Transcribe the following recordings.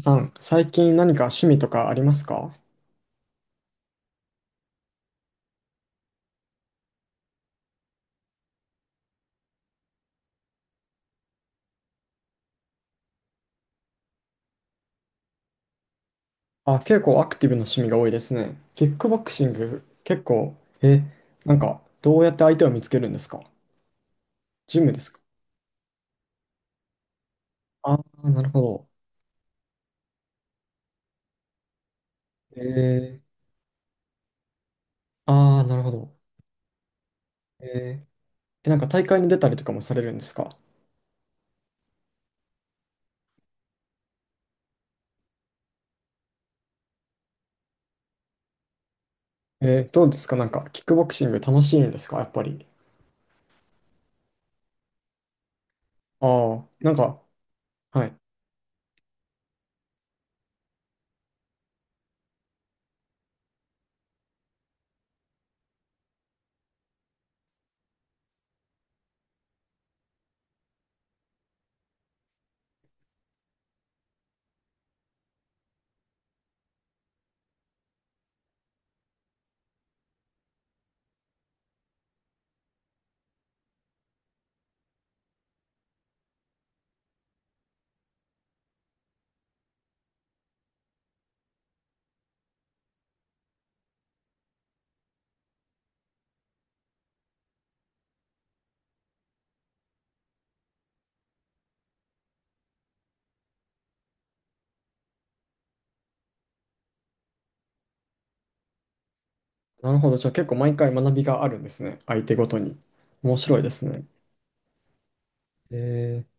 さん、最近何か趣味とかありますか？あ、結構アクティブな趣味が多いですね。キックボクシング、結構、え、なんか、どうやって相手を見つけるんですか？ジムですか？ああー、なるほど。えー、ああ、なるほど。えー、なんか大会に出たりとかもされるんですか？えー、どうですかなんか、キックボクシング楽しいんですかやっぱり。ああ、なんか、はい。なるほど。じゃあ結構毎回学びがあるんですね。相手ごとに。面白いですね。えー、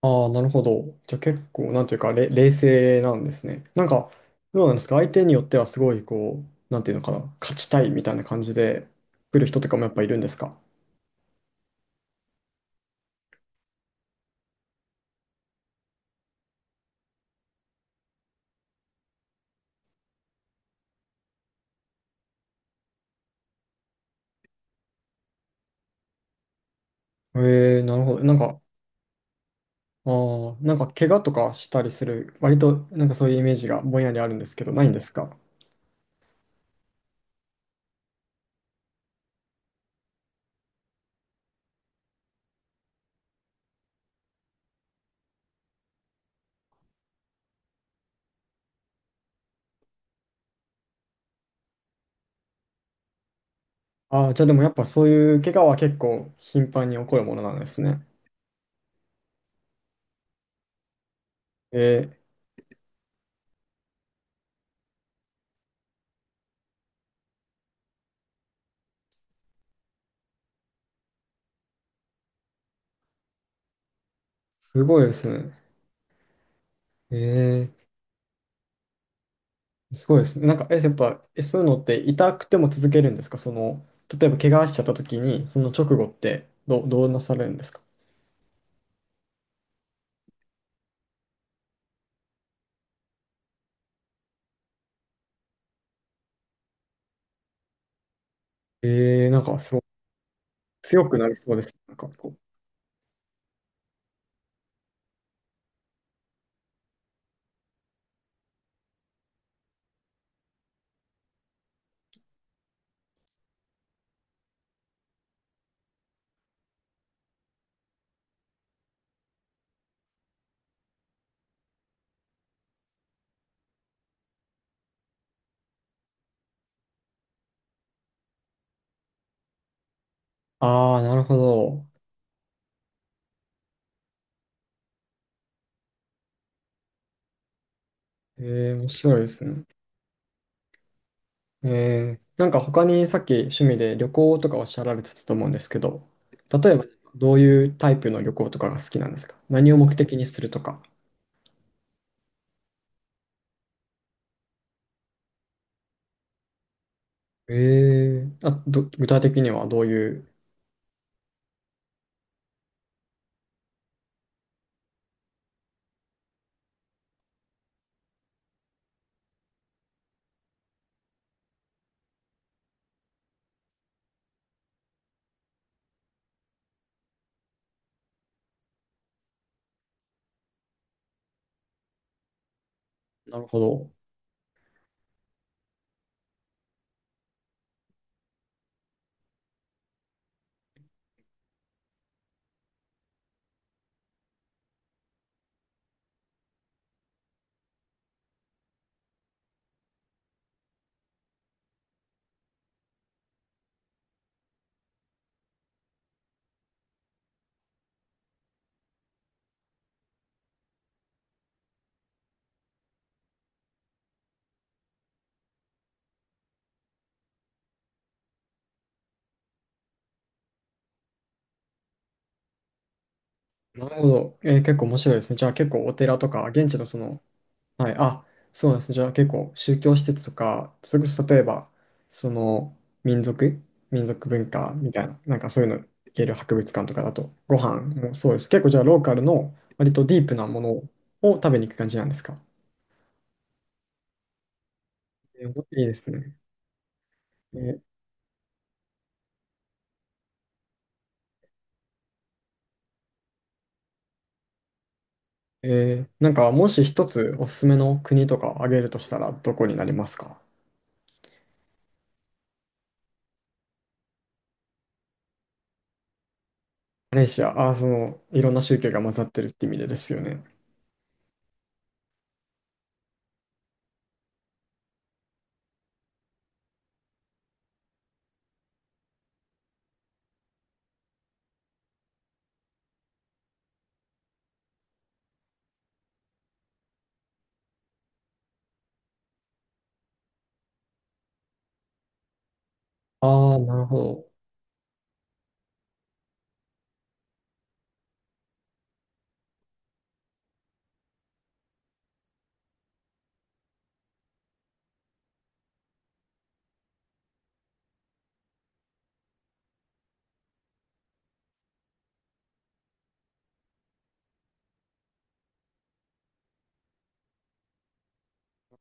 ああ、なるほど。じゃあ結構、なんていうか、冷静なんですね。なんか、どうなんですか？相手によってはすごい、こう、なんていうのかな、勝ちたいみたいな感じで来る人とかもやっぱいるんですか？ええ、なるほど。なんか、ああ、なんか怪我とかしたりする、割となんかそういうイメージがぼんやりあるんですけど、ないんですか？ああー、じゃあでもやっぱそういう怪我は結構頻繁に起こるものなんですね。えー、すごいですね。えー、すごいですね。なんか、え、やっぱ、え、そういうのって痛くても続けるんですか、その、例えば怪我しちゃった時に、その直後ってどうなされるんですか？えー、なんかそう、強くなりそうです。なんかこう。ああ、なるほど。えー、面白いですね。えー、なんか他にさっき趣味で旅行とかおっしゃられてたと思うんですけど、例えばどういうタイプの旅行とかが好きなんですか？何を目的にするとか。えー、あ、具体的にはどういう、なるほど。なるほど。えー、結構面白いですね。じゃあ結構お寺とか、現地のその、はい、あ、そうなんですね。じゃあ結構宗教施設とか、それこそ例えば、その、民族、民族文化みたいな、なんかそういうのいける博物館とかだと、ご飯もそうです。結構じゃあローカルの割とディープなものを食べに行く感じなんですか？えー、いいですね。えー、えー、なんかもし一つおすすめの国とかを挙げるとしたらどこになりますか？マレーシア、あー、そのいろんな宗教が混ざってるって意味でですよね。ああ、なるほど。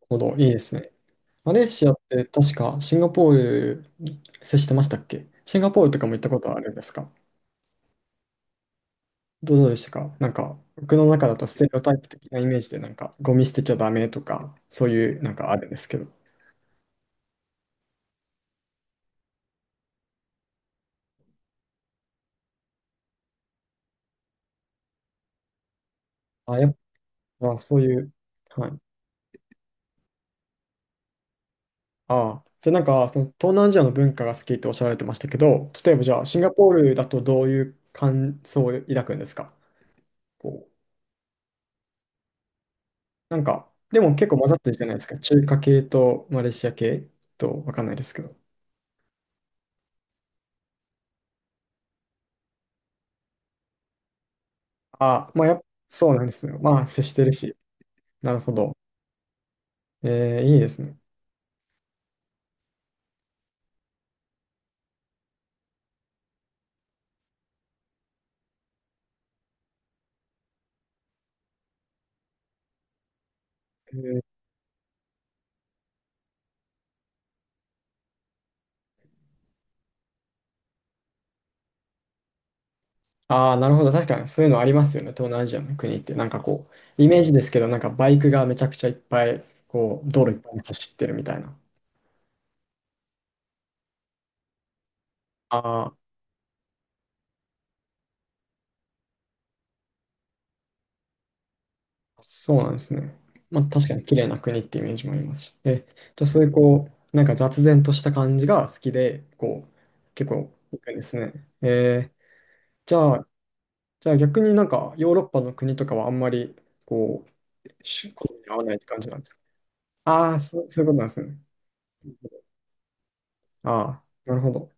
ほど、いいですね。マレーシアって確かシンガポールに接してましたっけ？シンガポールとかも行ったことあるんですか？どうどうでしたか、なんか僕の中だとステレオタイプ的なイメージでなんかゴミ捨てちゃダメとかそういうなんかあるんですけど。あ、やっぱそういう。はい。ああ。じゃあなんかその東南アジアの文化が好きっておっしゃられてましたけど、例えばじゃあシンガポールだとどういう感想を抱くんですか？こう。なんか、でも結構混ざってるじゃないですか。中華系とマレーシア系とわかんないですけど。あ、まあ、やっぱ、そうなんですね。まあ、接してるし。なるほど。えー、いいですね。えー、ああ、なるほど。確かにそういうのありますよね。東南アジアの国って。なんかこう、イメージですけど、なんかバイクがめちゃくちゃいっぱい、こう、道路いっぱいに走ってるみたいな。ああ、そうなんですね。まあ、確かに綺麗な国ってイメージもありますし。え、じゃあ、そういうこう、なんか雑然とした感じが好きで、こう、結構行くんですね。えー、じゃあ、じゃあ逆になんかヨーロッパの国とかはあんまり、こう、趣味好みに合わないって感じなんですか？ああー、そう、そういうことなんですね。ああ、なるほど。